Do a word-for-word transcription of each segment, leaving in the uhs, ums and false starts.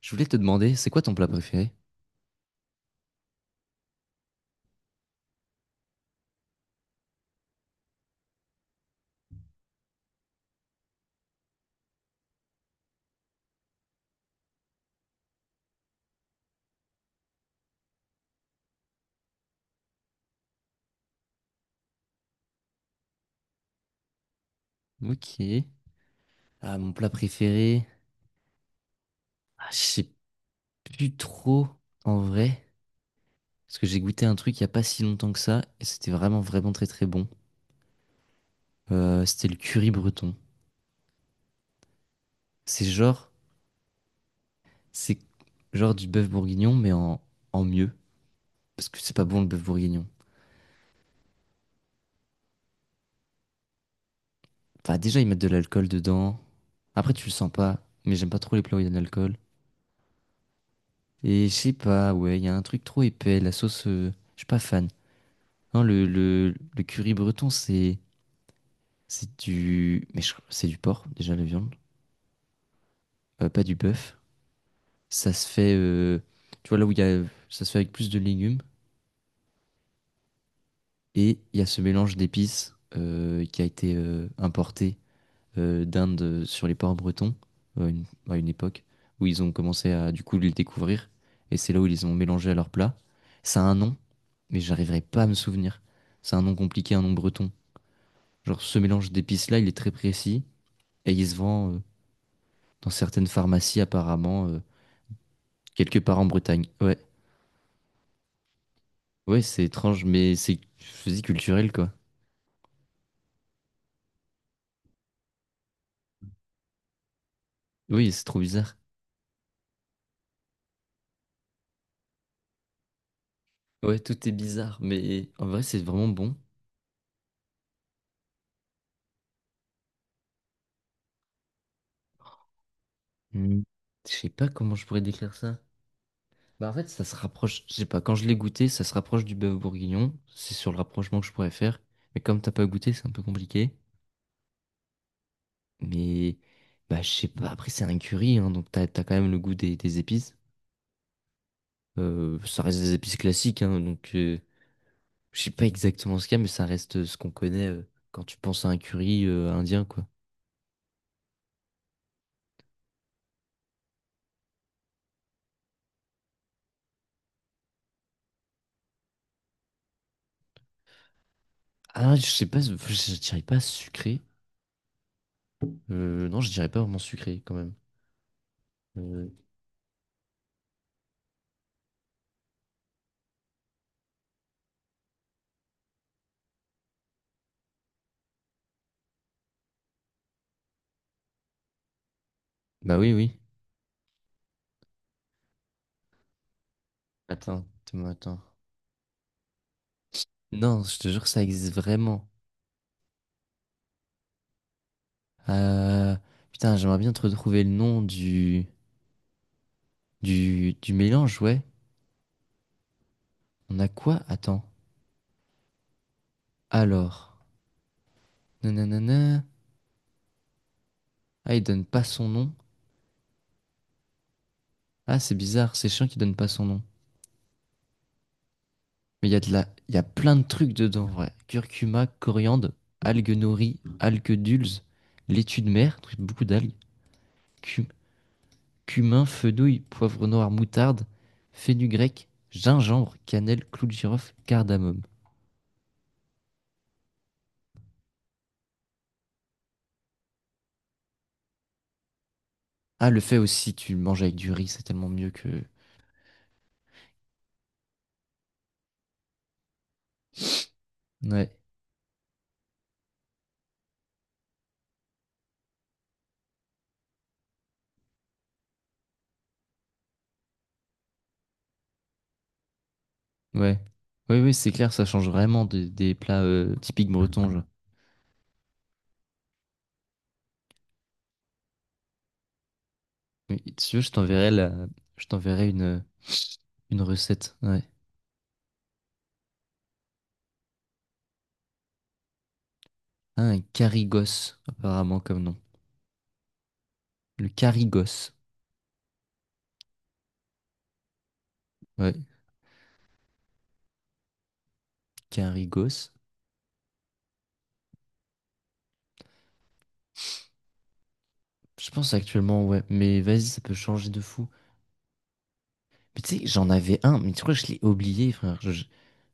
Je voulais te demander, c'est quoi ton plat préféré? Ok. Ah, mon plat préféré. Ah, je sais plus trop en vrai. Parce que j'ai goûté un truc il y a pas si longtemps que ça. Et c'était vraiment, vraiment très, très bon. Euh, c'était le curry breton. C'est genre, c'est genre du bœuf bourguignon, mais en, en mieux. Parce que c'est pas bon le bœuf bourguignon. Enfin, déjà, ils mettent de l'alcool dedans. Après, tu le sens pas. Mais j'aime pas trop les plats où il y a de l'alcool. Et je sais pas, ouais, il y a un truc trop épais. La sauce, euh, je suis pas fan. Non, le, le, le curry breton, c'est. C'est du. Mais je- c'est du porc, déjà, la viande. Euh, pas du bœuf. Ça se fait. euh, Tu vois, là où il y a. Ça se fait avec plus de légumes. Et il y a ce mélange d'épices euh, qui a été euh, importé euh, d'Inde euh, sur les ports bretons euh, une- à une époque où ils ont commencé à, du coup, les découvrir. Et c'est là où ils les ont mélangés à leur plat. Ça a un nom, mais j'arriverai pas à me souvenir. C'est un nom compliqué, un nom breton. Genre, ce mélange d'épices-là, il est très précis. Et il se vend euh, dans certaines pharmacies, apparemment. euh, Quelque part en Bretagne. Ouais. Ouais, c'est étrange, mais c'est je dis culturel, quoi. Oui, c'est trop bizarre. Ouais, tout est bizarre, mais en vrai, c'est vraiment bon. Hmm. Je sais pas comment je pourrais décrire ça. Bah, en fait, ça se rapproche, je sais pas, quand je l'ai goûté, ça se rapproche du bœuf bourguignon. C'est sur le rapprochement que je pourrais faire. Mais comme t'as pas goûté, c'est un peu compliqué. Mais, bah, je sais pas, après, c'est un curry, hein, donc t'as, t'as quand même le goût des, des épices. Euh, ça reste des épices classiques, hein, donc euh, Je sais pas exactement ce qu'il y a, mais ça reste euh, ce qu'on connaît euh, quand tu penses à un curry euh, indien, quoi. Ah, je sais pas, je je dirais pas sucré. Euh, non, je dirais pas vraiment sucré quand même. Euh, bah oui, oui. Attends, attends, attends. Non, je te jure que ça existe vraiment. Euh, putain, j'aimerais bien te retrouver le nom du, du, du mélange, ouais. On a quoi? Attends. Alors. Nanana. Ah, il donne pas son nom. Ah, c'est bizarre, c'est chiant qu'il donne pas son nom. Mais il y a de la... il y a plein de trucs dedans, en vrai. Curcuma, coriandre, algues nori, algues dulses, laitue de mer, beaucoup d'algues, cu- cumin, fenouil, poivre noir, moutarde, grec, gingembre, cannelle, clou de girofle, cardamome. Ah, le fait aussi, tu le manges avec du riz, c'est tellement mieux que... Ouais, ouais. Oui, oui, c'est clair, ça change vraiment des, des plats euh, typiques bretons, genre. Mais si tu veux, je t'enverrai la... je t'enverrai une, une recette. Ouais. Ah, un carigos, apparemment, comme nom. Le Carigos. Ouais, Carigos. Je pense actuellement, ouais. Mais vas-y, ça peut changer de fou. Mais tu sais, j'en avais un, mais tu crois que je l'ai oublié, frère. Je, je,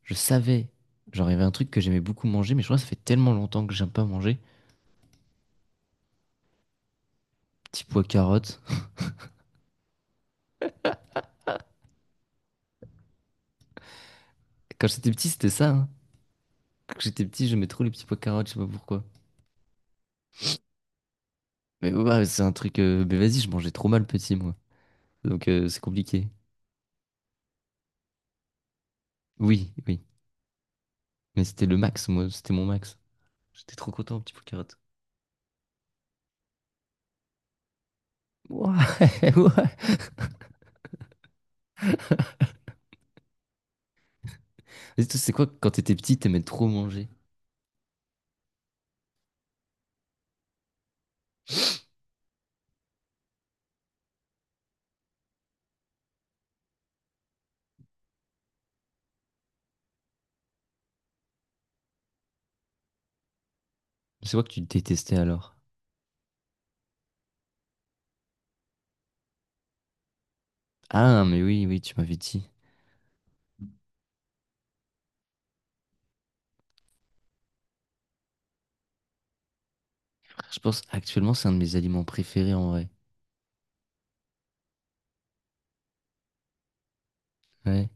je savais. Genre, il y avait un truc que j'aimais beaucoup manger, mais je crois que ça fait tellement longtemps que j'aime pas manger. Petit pois carottes. Quand j'étais petit, c'était ça, hein. Quand j'étais petit, j'aimais trop les petits pois carottes, je sais pas pourquoi. Mais ouais, ouais, c'est un truc. Euh, mais vas-y, je mangeais trop mal petit, moi. Donc, euh, c'est compliqué. Oui, oui. Mais c'était le max, moi. C'était mon max. J'étais trop content, petit pois carottes. Ouais, ouais. Et toi, c'est quoi quand t'étais petit, t'aimais trop manger? C'est quoi que tu détestais alors? Ah, mais oui, oui, tu m'avais dit. Je pense actuellement c'est un de mes aliments préférés en vrai. Ouais.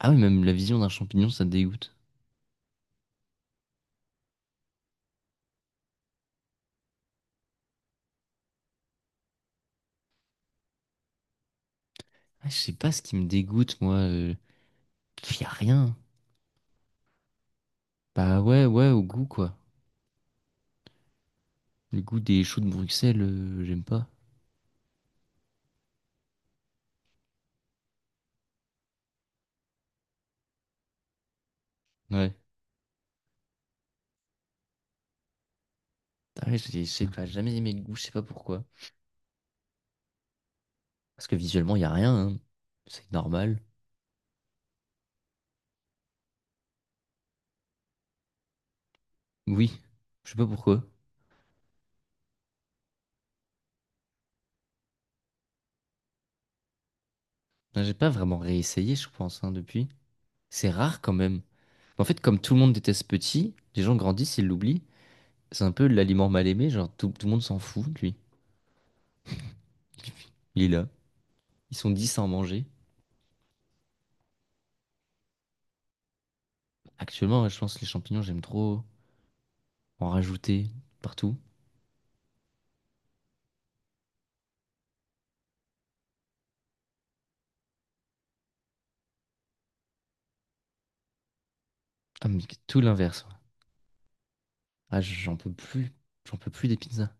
Ah oui, même la vision d'un champignon, ça me dégoûte. Ah, je sais pas ce qui me dégoûte, moi. Euh, y a rien. Bah ouais, ouais, au goût quoi. Le goût des choux de Bruxelles, euh, j'aime pas. Ouais. Ah ouais, j'ai- je sais pas, jamais aimé le goût, je sais pas pourquoi. Parce que visuellement, y a rien. Hein. C'est normal. Oui, je sais pas pourquoi. Non, j'ai pas vraiment réessayé, je pense, hein, depuis. C'est rare quand même. En fait, comme tout le monde déteste Petit, les gens grandissent, ils l'oublient. C'est un peu l'aliment mal aimé, genre tout, tout le monde s'en fout de lui. Il est là. Ils sont dix à en manger. Actuellement, ouais, je pense que les champignons, j'aime trop en rajouter partout. Ah, mais tout l'inverse. Ouais. Ah, j'en peux plus. J'en peux plus des pizzas.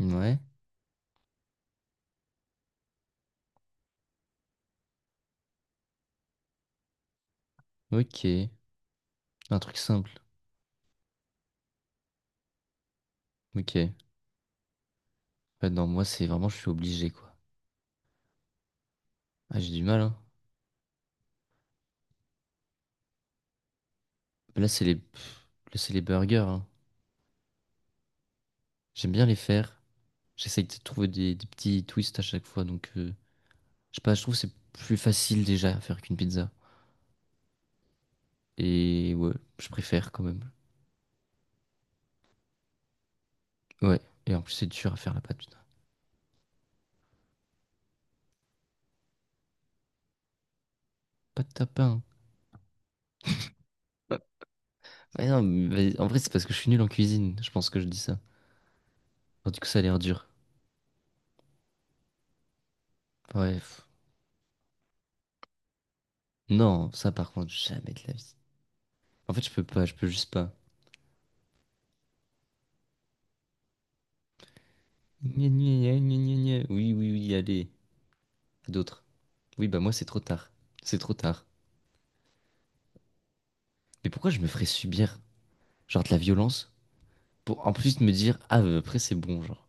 Ouais. Ok. Un truc simple. Ok. Ouais, non, moi, c'est vraiment, je suis obligé, quoi. Ah, j'ai du mal, hein. Là, c'est les, pff, là, c'est les burgers, hein. J'aime bien les faire. J'essaye de trouver des, des petits twists à chaque fois, donc... euh, Je sais pas, je trouve que c'est plus facile déjà à faire qu'une pizza. Et ouais, je préfère quand même. Ouais, et en plus c'est dur à faire la pâte, putain. Pâte tapin. Hein. Ouais, non, mais en vrai c'est parce que je suis nul en cuisine, je pense que je dis ça. Alors, du coup ça a l'air dur. Ouais. Non, ça par contre, jamais de la vie. En fait je peux pas, je peux juste pas. Gna, gna, gna, gna, gna, gna. Oui, oui, oui, allez. À d'autres. Oui, bah moi c'est trop tard. C'est trop tard. Mais pourquoi je me ferais subir, genre de la violence, pour en plus me dire, ah bah, après c'est bon, genre.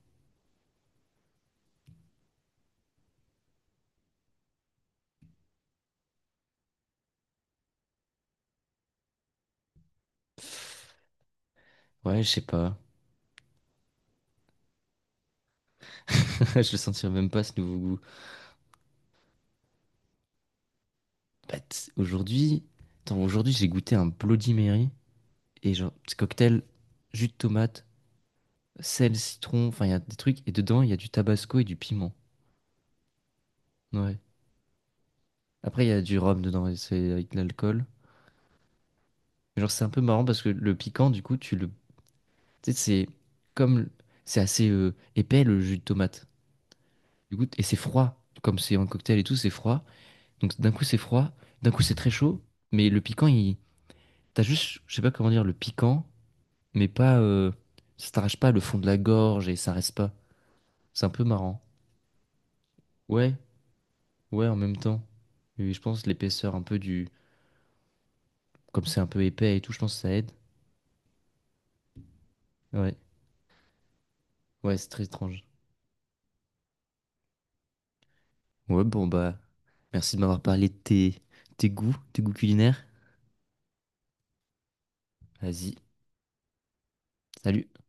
Ouais, je sais pas. Je le sentirais même pas ce nouveau goût. Bah, t- aujourd'hui, attends, aujourd'hui j'ai goûté un Bloody Mary et genre petit cocktail jus de tomate, sel, citron, enfin il y a des trucs et dedans il y a du tabasco et du piment. Ouais. Après il y a du rhum dedans et c'est avec de l'alcool. Mais genre c'est un peu marrant parce que le piquant du coup tu le tu sais c'est comme c'est assez euh, épais le jus de tomate. Du coup et c'est froid comme c'est un cocktail et tout, c'est froid. Donc d'un coup c'est froid, d'un coup c'est très chaud, mais le piquant il t'as juste, je sais pas comment dire, le piquant mais pas, euh, ça t'arrache pas le fond de la gorge et ça reste pas. C'est un peu marrant. Ouais, ouais, en même temps. Oui, je pense l'épaisseur un peu du, comme c'est un peu épais et tout, je pense que ça aide. Ouais, ouais, c'est très étrange. Ouais, bon bah, merci de m'avoir parlé de tes, tes goûts, tes goûts culinaires. Vas-y, salut.